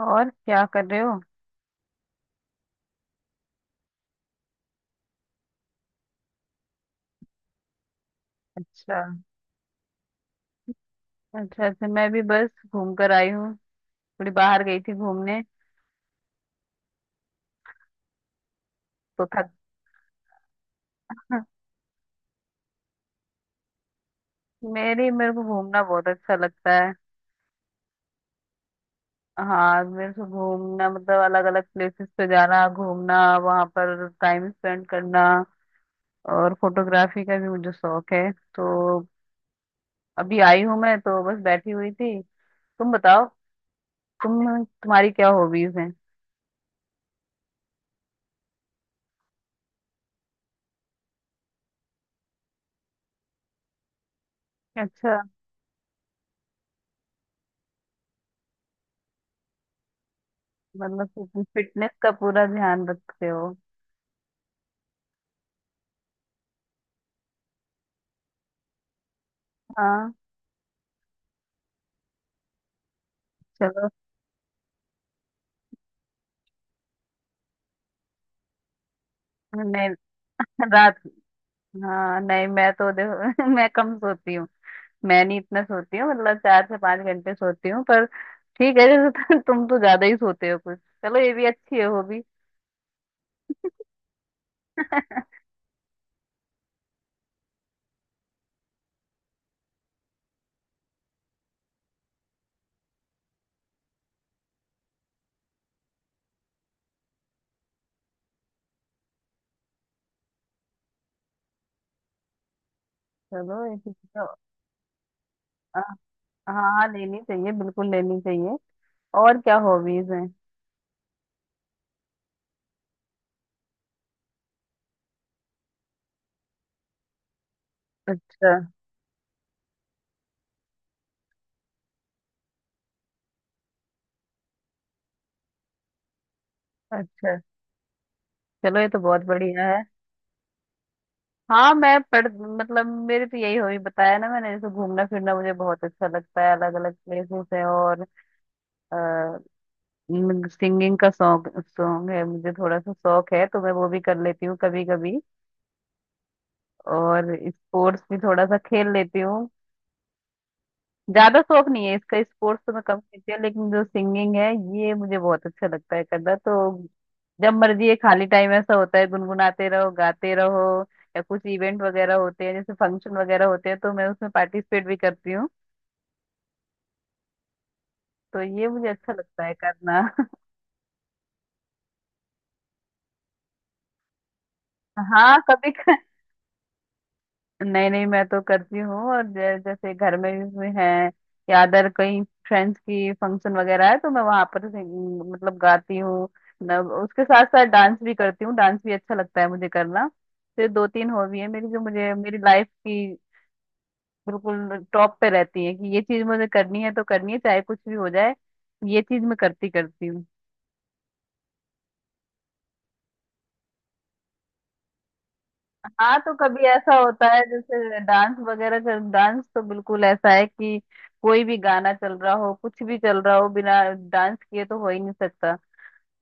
और क्या कर रहे हो। अच्छा। अच्छा, मैं भी बस घूम कर आई हूँ। थोड़ी बाहर गई थी घूमने। तो थक मेरी मेरे को घूमना बहुत अच्छा लगता है। हाँ, मेरे को घूमना मतलब अलग अलग प्लेसेस पे जाना, घूमना, वहां पर टाइम स्पेंड करना। और फोटोग्राफी का भी मुझे शौक है, तो अभी आई हूँ, मैं तो बस बैठी हुई थी। तुम बताओ, तुम्हारी क्या हॉबीज हैं। अच्छा। मतलब फिटनेस का पूरा ध्यान रखते हो। हाँ। चलो। नहीं, रात। हाँ, नहीं मैं तो देखो मैं कम सोती हूँ। मैं नहीं इतना सोती हूँ, मतलब चार से पांच घंटे सोती हूँ, पर ठीक है। जैसे तुम तो ज्यादा ही सोते हो कुछ। चलो, ये भी अच्छी है हॉबी। चलो, ये ठीक है। तो अ, हाँ, लेनी चाहिए, बिल्कुल लेनी चाहिए। और क्या हॉबीज हैं। अच्छा। अच्छा, चलो, ये तो बहुत बढ़िया है। हाँ मैं पढ़ मतलब मेरे तो यही हॉबी बताया ना मैंने, जैसे घूमना फिरना मुझे बहुत अच्छा लगता है, अलग अलग प्लेसेस है। और सिंगिंग का शौक शौक है मुझे, थोड़ा सा शौक है, तो मैं वो भी कर लेती हूँ कभी कभी। और स्पोर्ट्स भी थोड़ा सा खेल लेती हूँ। ज्यादा शौक नहीं है इसका, स्पोर्ट्स तो मैं कम खेलती हूँ, लेकिन जो सिंगिंग है ये मुझे बहुत अच्छा लगता है करना। तो जब मर्जी ये खाली टाइम ऐसा होता है गुनगुनाते रहो, गाते रहो, या कुछ इवेंट वगैरह होते हैं, जैसे फंक्शन वगैरह होते हैं, तो मैं उसमें पार्टिसिपेट भी करती हूँ। तो ये मुझे अच्छा लगता है करना। हाँ, कभी। नहीं नहीं, मैं तो करती हूँ। और जैसे घर में भी है या अदर कहीं फ्रेंड्स की फंक्शन वगैरह है, तो मैं वहां पर मतलब गाती हूँ। उसके साथ साथ डांस भी करती हूँ, डांस भी अच्छा लगता है मुझे करना। तो ये दो तीन हॉबी है मेरी जो मुझे, मेरी लाइफ की बिल्कुल टॉप पे रहती है कि ये चीज मुझे करनी है तो करनी है, चाहे कुछ भी हो जाए ये चीज मैं करती करती हूँ। हाँ, तो कभी ऐसा होता है जैसे डांस वगैरह कर डांस तो बिल्कुल ऐसा है कि कोई भी गाना चल रहा हो, कुछ भी चल रहा हो, बिना डांस किए तो हो ही नहीं सकता।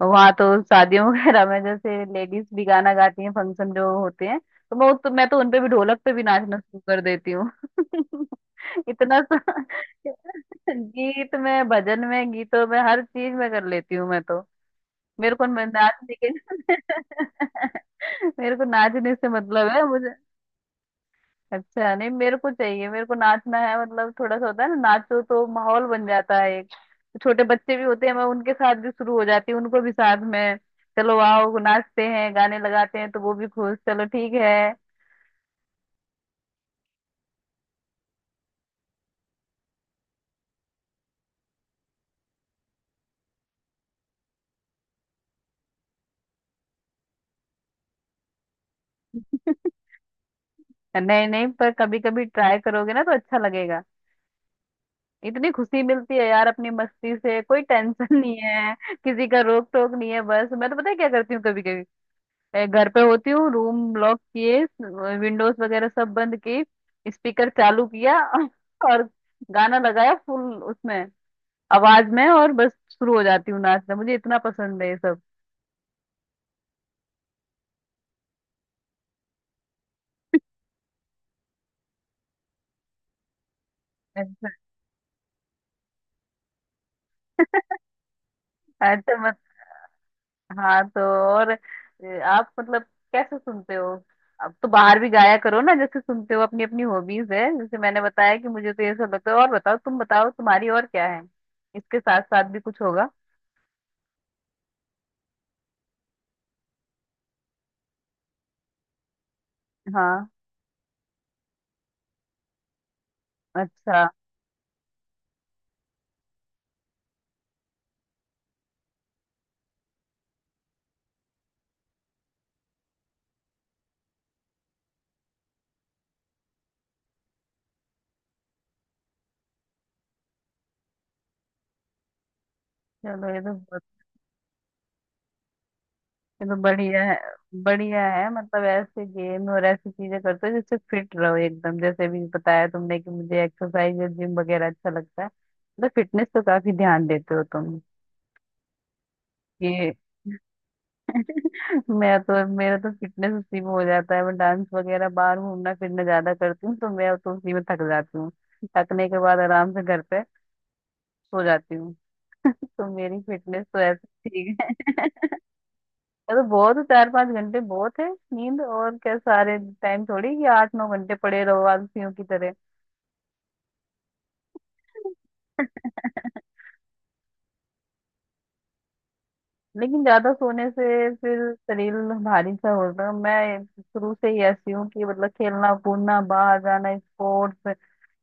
वहाँ तो शादियों वगैरह में जैसे लेडीज भी गाना गाती हैं, फंक्शन जो होते हैं, तो मैं तो उनपे भी, ढोलक पे भी नाचना शुरू कर देती हूँ। इतना सा। गीत में, भजन में, गीतों में हर चीज में कर लेती हूँ मैं तो। मेरे को नाचने के मेरे को नाचने से मतलब है मुझे। अच्छा नहीं, मेरे को चाहिए, मेरे को नाचना है, मतलब थोड़ा सा होता है ना, नाचो तो माहौल बन जाता है एक। छोटे बच्चे भी होते हैं, मैं उनके साथ भी शुरू हो जाती हूँ, उनको भी साथ में चलो आओ नाचते हैं, गाने लगाते हैं, तो वो भी खुश। चलो ठीक है। नहीं नहीं, पर कभी कभी ट्राई करोगे ना तो अच्छा लगेगा। इतनी खुशी मिलती है यार अपनी मस्ती से, कोई टेंशन नहीं है, किसी का रोक टोक नहीं है। बस मैं तो पता है क्या करती हूँ कभी कभी, मैं घर पे होती हूँ, रूम लॉक किए, विंडोज वगैरह सब बंद किए, स्पीकर चालू किया और गाना लगाया फुल उसमें आवाज में, और बस शुरू हो जाती हूँ नाचना। मुझे इतना पसंद है ये सब। अच्छा मत हाँ, तो और आप मतलब कैसे सुनते हो? अब तो बाहर भी गाया करो ना, जैसे सुनते हो, अपनी अपनी हॉबीज है। जैसे मैंने बताया कि मुझे तो ये सब लगता है। और बताओ, तुम बताओ तुम्हारी और क्या है, इसके साथ साथ भी कुछ होगा। हाँ। अच्छा, चलो, ये तो बढ़िया है। बढ़िया है, मतलब ऐसे गेम और ऐसी चीजें करते हो जिससे फिट रहो एकदम। जैसे भी बताया तुमने कि मुझे एक्सरसाइज और जिम वगैरह अच्छा लगता है, तो फिटनेस तो काफी ध्यान देते हो तुम। ये मैं तो, मेरा तो फिटनेस उसी में हो जाता है, मैं डांस वगैरह, बाहर घूमना फिरना ज्यादा करती हूँ, तो मैं तो उसी में थक जाती हूँ। थकने के बाद आराम से घर पे सो जाती हूँ। तो मेरी फिटनेस तो ऐसे ठीक है। अरे बहुत है, चार पांच घंटे बहुत है नींद। और क्या सारे टाइम थोड़ी कि आठ नौ घंटे पड़े रहो आलसियों की तरह। लेकिन ज्यादा सोने से फिर शरीर भारी सा होता है। मैं शुरू से ही ऐसी हूँ कि मतलब खेलना कूदना, बाहर जाना, स्पोर्ट्स,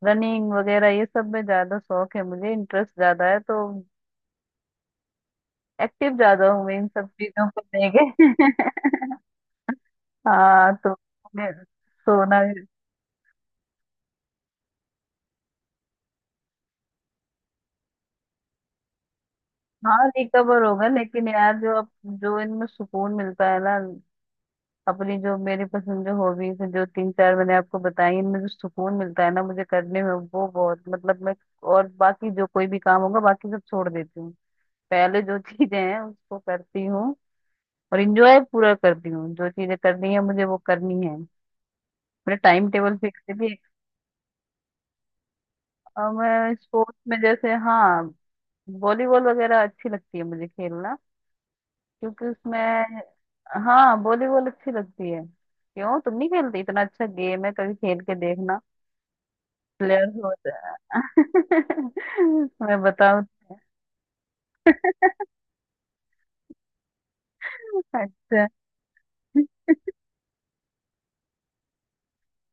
रनिंग वगैरह ये सब में ज्यादा शौक है मुझे, इंटरेस्ट ज्यादा है, तो एक्टिव ज्यादा हूँ मैं इन सब चीजों को लेके। हाँ, तो मुझे सोना। हाँ, रिकवर होगा, लेकिन यार जो इनमें सुकून मिलता है ना, अपनी जो मेरी पसंद, जो हॉबीज है, जो तीन चार मैंने आपको बताई, इनमें जो सुकून मिलता है ना मुझे करने में, वो बहुत, मतलब मैं और बाकी जो कोई भी काम होगा, बाकी सब छोड़ देती हूँ, पहले जो चीजें हैं उसको करती हूँ। और इंजॉय पूरा करती हूँ। जो चीजें करनी है मुझे वो करनी है, मेरा टाइम टेबल फिक्स है भी। और मैं स्पोर्ट्स में, जैसे हाँ, वॉलीबॉल वगैरह अच्छी लगती है मुझे खेलना, क्योंकि उसमें। हाँ, वॉलीबॉल अच्छी लगती है, क्यों तुम नहीं खेलती? इतना अच्छा गेम है, कभी खेल के देखना, प्लेयर्स होते हैं। मैं बताऊँ। अच्छा,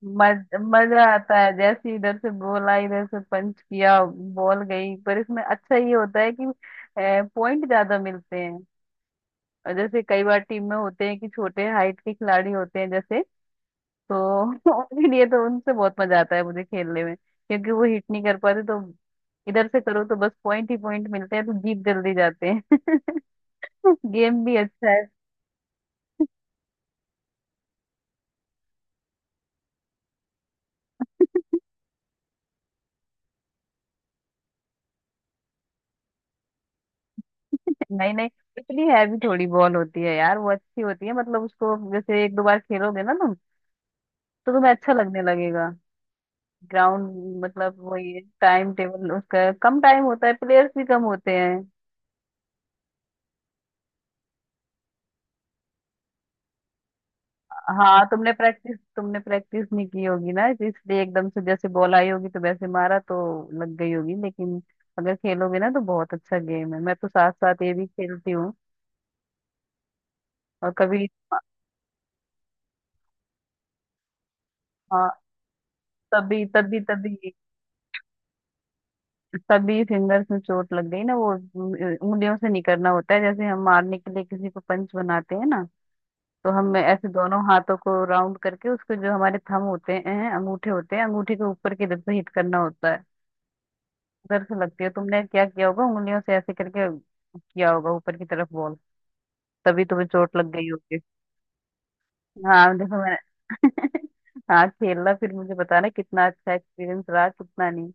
मजा आता है जैसे ही इधर से बोला, इधर से पंच किया, बॉल गई। पर इसमें अच्छा ये होता है कि पॉइंट ज्यादा मिलते हैं, और जैसे कई बार टीम में होते हैं कि छोटे हाइट के खिलाड़ी होते हैं जैसे, तो उनके लिए तो, उनसे बहुत मजा आता है मुझे खेलने में क्योंकि वो हिट नहीं कर पाते, तो इधर से करो तो बस पॉइंट ही पॉइंट मिलते हैं, तो जीत जल्दी जाते हैं। गेम भी अच्छा है। नहीं नहीं, इतनी हैवी थोड़ी बॉल होती है यार, वो अच्छी होती है, मतलब उसको जैसे एक दो बार खेलोगे ना तुम, तो तुम्हें अच्छा लगने लगेगा। ग्राउंड मतलब, वही टाइम टेबल उसका कम टाइम होता है, प्लेयर्स भी कम होते हैं। हाँ, तुमने प्रैक्टिस नहीं की होगी ना, तो इसलिए एकदम से जैसे बॉल आई होगी तो वैसे मारा, तो लग गई होगी। लेकिन अगर खेलोगे ना तो बहुत अच्छा गेम है, मैं तो साथ साथ ये भी खेलती हूँ। और कभी हाँ, तभी तभी फिंगर्स में चोट लग गई ना, वो उंगलियों से नहीं करना होता है। जैसे हम मारने के लिए किसी को पंच बनाते हैं ना, तो हम ऐसे दोनों हाथों को राउंड करके, उसके जो हमारे थंब होते हैं, अंगूठे होते हैं, अंगूठे के ऊपर की तरफ से हिट करना होता है। उधर से लगती है, तुमने क्या किया होगा, उंगलियों से ऐसे करके किया होगा ऊपर की तरफ बॉल, तभी तुम्हें चोट लग गई होगी। हाँ देखो, मैंने हाँ, खेलना फिर मुझे बताना कितना अच्छा एक्सपीरियंस रहा कितना नहीं।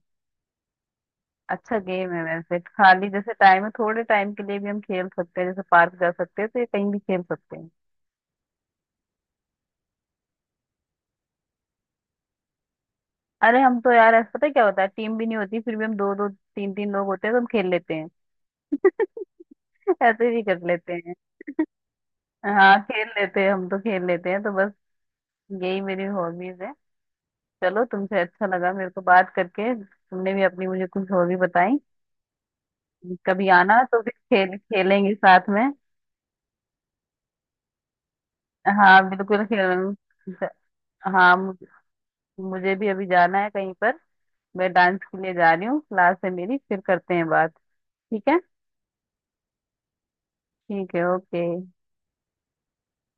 अच्छा गेम है वैसे, खाली जैसे टाइम है, थोड़े टाइम के लिए भी हम खेल सकते हैं, जैसे पार्क जा सकते हैं तो ये कहीं भी खेल सकते हैं। अरे हम तो यार ऐसा पता है क्या होता है, टीम भी नहीं होती, फिर भी हम दो दो तीन तीन लोग होते हैं तो हम खेल लेते हैं। ऐसे भी कर लेते हैं। हाँ, खेल लेते हैं, हम तो खेल लेते हैं। तो बस यही मेरी हॉबीज है। चलो, तुमसे अच्छा लगा मेरे को बात करके, तुमने भी अपनी मुझे कुछ हॉबी बताई। कभी आना तो फिर खेल खेलेंगे साथ में। हाँ, बिल्कुल खेल। हाँ, मुझे भी अभी जाना है कहीं पर, मैं डांस के लिए जा रही हूँ, क्लास है मेरी। फिर करते हैं बात। ठीक है। ठीक है, ओके।